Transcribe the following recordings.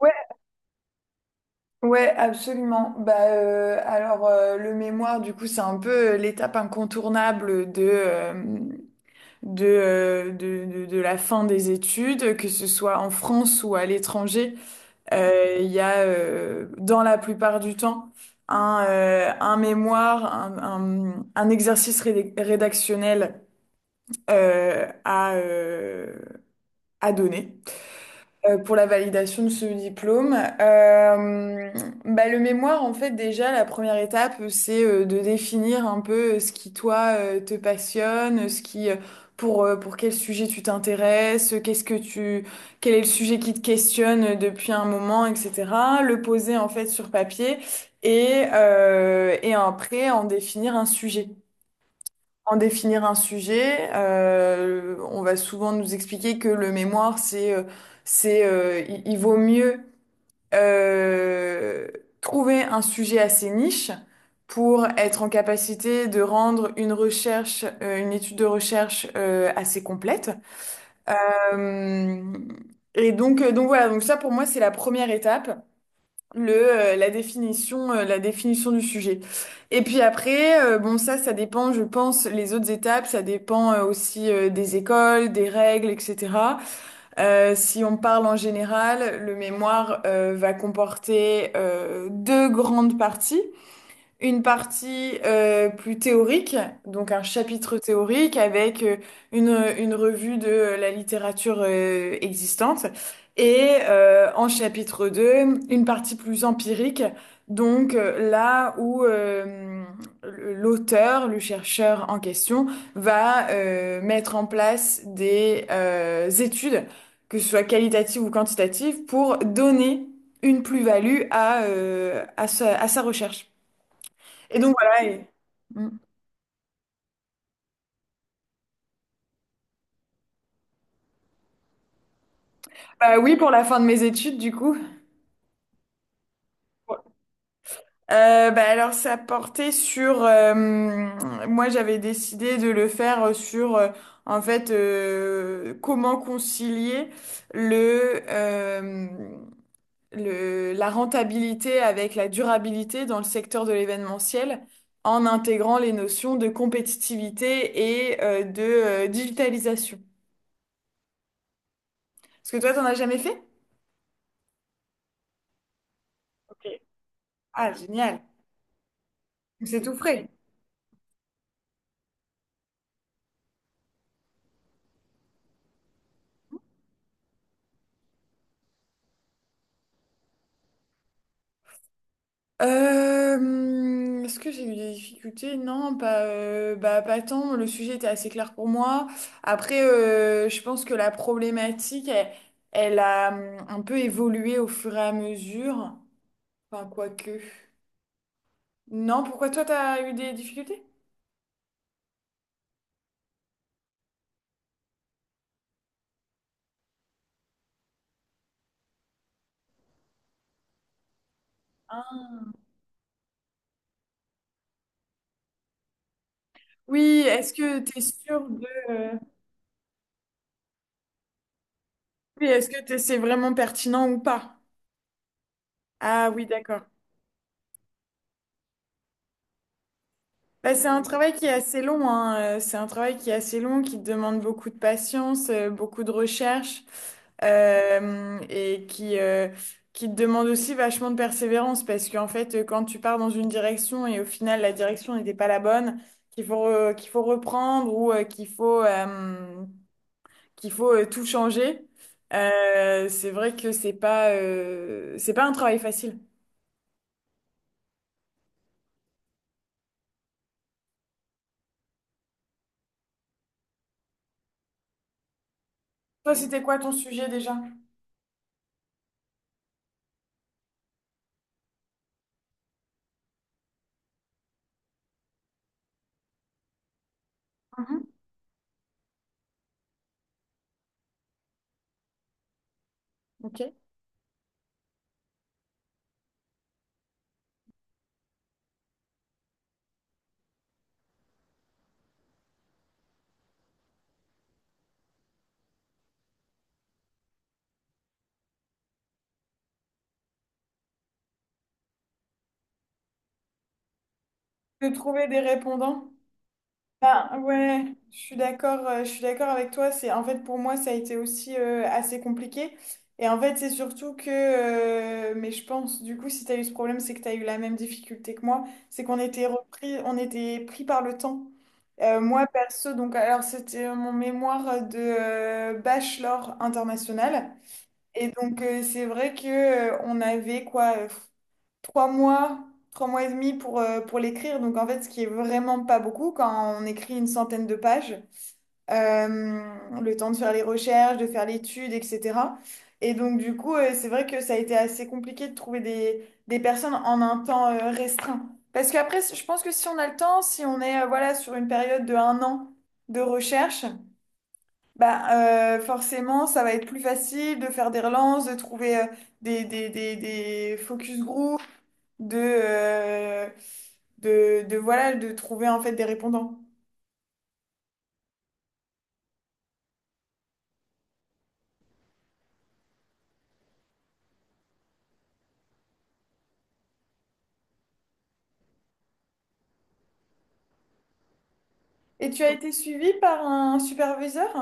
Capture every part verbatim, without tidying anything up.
Ouais, ouais, absolument. Bah, euh, alors, euh, le mémoire, du coup, c'est un peu euh, l'étape incontournable de, euh, de, euh, de, de- de la fin des études, que ce soit en France ou à l'étranger. Euh, Il y a, euh, dans la plupart du temps, un, euh, un mémoire, un, un- un exercice rédac- rédactionnel euh, à, euh, à donner, euh, pour la validation de ce diplôme. Euh, bah, le mémoire, en fait, déjà, la première étape, c'est euh, de définir un peu euh, ce qui, toi, euh, te passionne, ce qui, euh, pour, euh, pour quel sujet tu t'intéresses, qu'est-ce que tu, quel est le sujet qui te questionne euh, depuis un moment, et cetera. Le poser, en fait, sur papier et, euh, et après, en définir un sujet. en définir un sujet. Euh, on va souvent nous expliquer que le mémoire, c'est, euh, c'est, euh, il, il vaut mieux euh, trouver un sujet assez niche pour être en capacité de rendre une recherche, euh, une étude de recherche euh, assez complète. Euh, et donc, euh, donc voilà, donc ça pour moi c'est la première étape, le euh, la définition euh, la définition du sujet. Et puis après, euh, bon ça ça dépend, je pense, les autres étapes, ça dépend euh, aussi euh, des écoles, des règles, et cetera. Euh, si on parle en général, le mémoire euh, va comporter euh, deux grandes parties: une partie euh, plus théorique, donc un chapitre théorique avec euh, une, une revue de euh, la littérature euh, existante, et euh, en chapitre deux, une partie plus empirique, donc euh, là où euh, l'auteur, le chercheur en question, va euh, mettre en place des euh, études, que ce soit qualitatives ou quantitatives, pour donner une plus-value à, euh, à sa à sa recherche. Et donc voilà. et- Mm. Bah oui, pour la fin de mes études, du coup. Euh, bah alors, ça portait sur, euh, moi, j'avais décidé de le faire sur, euh, en fait, euh, comment concilier le, euh, le, la rentabilité avec la durabilité dans le secteur de l'événementiel en intégrant les notions de compétitivité et euh, de euh, digitalisation. Est-ce que toi, t'en as jamais fait? Ok. Ah, génial. C'est tout frais. Euh, est-ce que j'ai eu des difficultés? Non, pas, euh, bah, pas tant. Le sujet était assez clair pour moi. Après, euh, je pense que la problématique, elle, elle a hum, un peu évolué au fur et à mesure. Enfin, quoique. Non, pourquoi toi, t'as eu des difficultés? Oui, est-ce que t'es sûr de... euh, Oui, est-ce que t'es- c'est vraiment pertinent ou pas? Ah oui, d'accord. Bah, c'est un travail qui est assez long, hein. euh, C'est un travail qui est assez long, qui demande beaucoup de patience, euh, beaucoup de recherche, euh, et qui, euh, qui te demande aussi vachement de persévérance parce qu'en fait, euh, quand tu pars dans une direction et au final la direction n'était pas la bonne, qu'il faut, re- qu'il faut reprendre ou euh, qu'il faut, euh, qu'il faut euh, tout changer, euh, c'est vrai que c'est pas, euh, c'est pas un travail facile. Toi, c'était quoi ton sujet déjà? Mhm. Ok. De trouver des répondants. Ben, ouais, je suis d'accord, euh, je suis d'accord avec toi. C'est, en fait, pour moi, ça a été aussi euh, assez compliqué. Et en fait, c'est surtout que, euh, mais je pense, du coup, si tu as eu ce problème, c'est que tu as eu la même difficulté que moi. C'est qu'on était repris, on était pris par le temps. Euh, moi, perso, donc, alors, c'était mon mémoire de euh, bachelor international. Et donc, euh, c'est vrai que euh, on avait quoi? trois mois, trois mois et demi pour, euh, pour l'écrire. Donc en fait, ce qui est vraiment pas beaucoup quand on écrit une centaine de pages. Euh, le temps de faire les recherches, de faire l'étude, et cetera. Et donc du coup, euh, c'est vrai que ça a été assez compliqué de trouver des, des personnes en un temps euh, restreint. Parce qu'après, je pense que si on a le temps, si on est euh, voilà, sur une période de un an de recherche, bah, euh, forcément, ça va être plus facile de faire des relances, de trouver euh, des, des, des, des focus group, de, euh, de, de, voilà, de trouver en fait des répondants. Et tu as été suivi par un superviseur?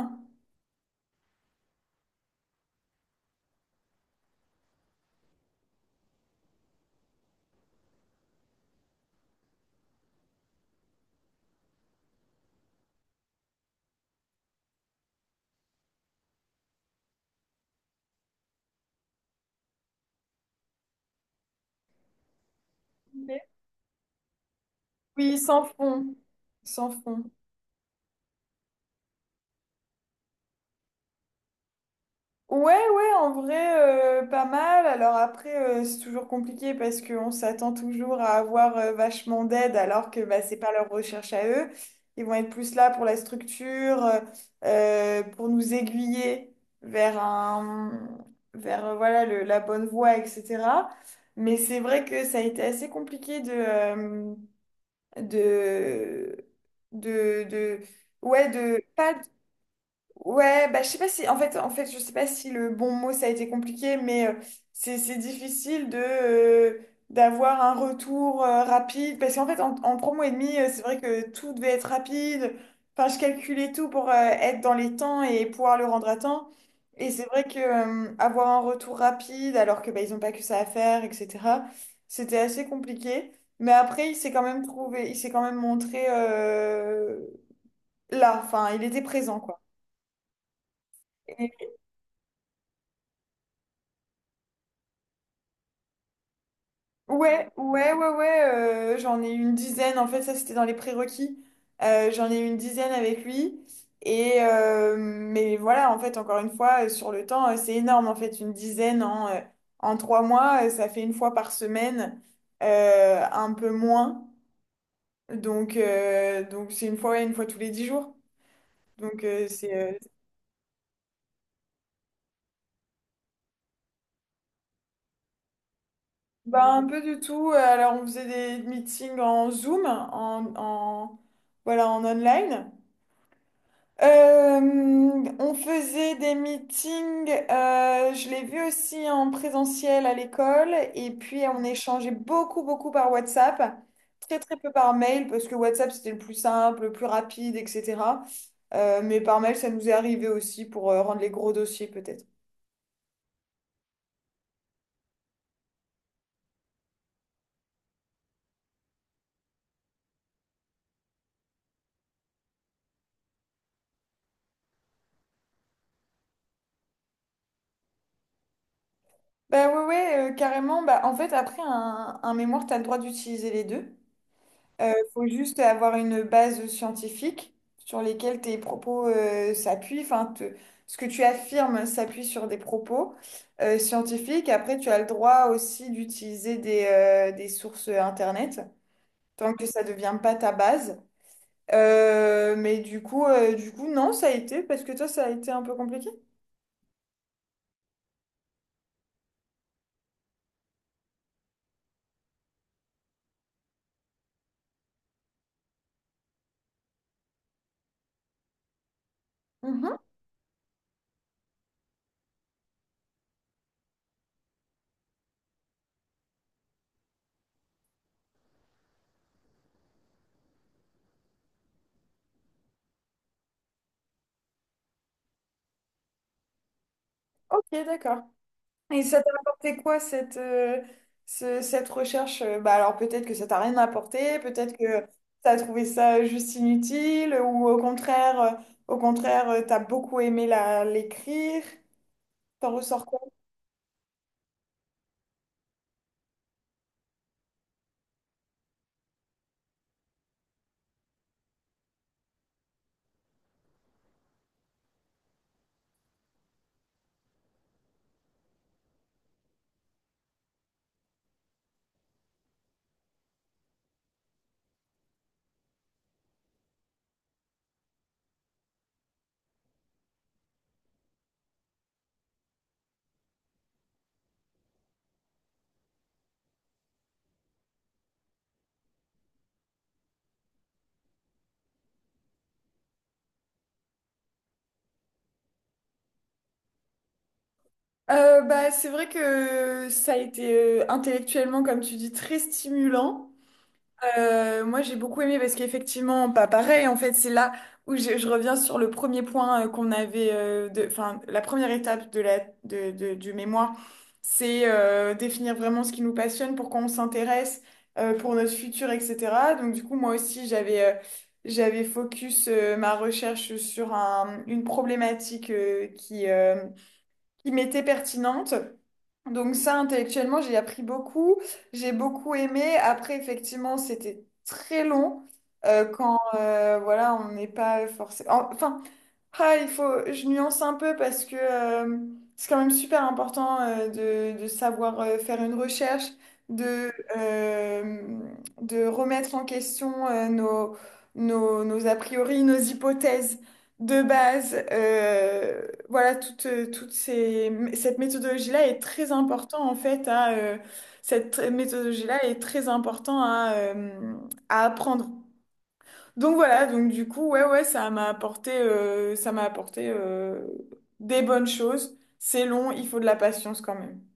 Ok. Oui, sans fond, sans fond. Ouais, ouais, en vrai, euh, pas mal. Alors après, euh, c'est toujours compliqué parce qu'on s'attend toujours à avoir euh, vachement d'aide alors que bah, c'est pas leur recherche à eux. Ils vont être plus là pour la structure, euh, euh, pour nous aiguiller vers un, vers euh, voilà, le- la bonne voie, et cetera. Mais c'est vrai que ça a été assez compliqué de, euh, de, de, de, ouais, de pas... Ouais, bah, je sais pas si, en fait, en fait, je sais pas si le bon mot ça a été compliqué, mais euh, c'est c'est difficile de euh, d'avoir un retour euh, rapide parce qu'en fait, en, en trois mois et demi, euh, c'est vrai que tout devait être rapide. Enfin, je calculais tout pour euh, être dans les temps et pouvoir le rendre à temps. Et c'est vrai que euh, avoir un retour rapide alors que bah, ils ont pas que ça à faire, et cetera. C'était assez compliqué. Mais après, il s'est quand même trouvé, il s'est quand même montré euh, là. Enfin, il était présent, quoi. Ouais, ouais, ouais, ouais, euh, j'en ai eu une dizaine, en fait, ça c'était dans les prérequis. Euh, j'en ai eu une dizaine avec lui. Et euh, mais voilà, en fait, encore une fois, euh, sur le temps, euh, c'est énorme, en fait, une dizaine en, euh, en trois mois, euh, ça fait une fois par semaine, euh, un peu moins. Donc, euh, donc c'est une fois, ouais, une fois tous les dix jours. Donc, euh, c'est euh, Bah, un peu du tout. Euh, Alors, on faisait des meetings en Zoom, en, en, voilà, en online. Euh, on faisait des meetings, euh, je l'ai vu aussi en présentiel à l'école, et puis on échangeait beaucoup, beaucoup par WhatsApp, très, très peu par mail, parce que WhatsApp c'était le plus simple, le plus rapide, et cetera. Euh, mais par mail, ça nous est arrivé aussi pour euh, rendre les gros dossiers peut-être. Bah ouais, ouais, euh, carrément. Bah, en fait, après un, un mémoire, tu as le droit d'utiliser les deux. Euh, faut juste avoir une base scientifique sur lesquelles tes propos euh, s'appuient. Enfin, te- ce que tu affirmes s'appuie sur des propos euh, scientifiques. Après, tu as le droit aussi d'utiliser des, euh, des sources Internet, tant que ça ne devient pas ta base. Euh, mais du coup, euh, du coup, non, ça a été, parce que toi, ça a été un peu compliqué. Mhm. Ok, d'accord. Et ça t'a apporté quoi cette, euh, ce- cette recherche? euh, Bah alors peut-être que ça t'a rien apporté, peut-être que t'as trouvé ça juste inutile, ou au contraire, euh, au contraire, euh, t'as beaucoup aimé la l'écrire. T'en ressors quoi? Euh, bah c'est vrai que ça a été euh, intellectuellement, comme tu dis, très stimulant. Euh, moi, j'ai beaucoup aimé parce qu'effectivement, pas pareil. En fait, c'est là où je, je reviens sur le premier point euh, qu'on avait, euh, de, enfin, la première étape de la, de, de- du mémoire, c'est euh, définir vraiment ce qui nous passionne, pourquoi on s'intéresse, euh, pour notre futur, et cetera. Donc, du coup, moi aussi, j'avais euh, j'avais focus euh, ma recherche sur un, une problématique euh, qui, euh, qui m'était pertinente. Donc ça, intellectuellement, j'ai appris beaucoup. J'ai beaucoup aimé. Après, effectivement, c'était très long euh, quand euh, voilà, on n'est pas forcément... Enfin, ah, il faut, je nuance un peu parce que euh, c'est quand même super important euh, de, de savoir euh, faire une recherche, de, euh, de remettre en question euh, nos, nos, nos a priori, nos hypothèses de base. Euh, voilà, toute, euh, toute ces, cette méthodologie-là est très important en fait à, euh, cette méthodologie-là est très important à, euh, à apprendre. Donc voilà, donc du coup, ouais, ouais, ça m'a apporté, euh, ça m'a apporté euh, des bonnes choses. C'est long, il faut de la patience quand même.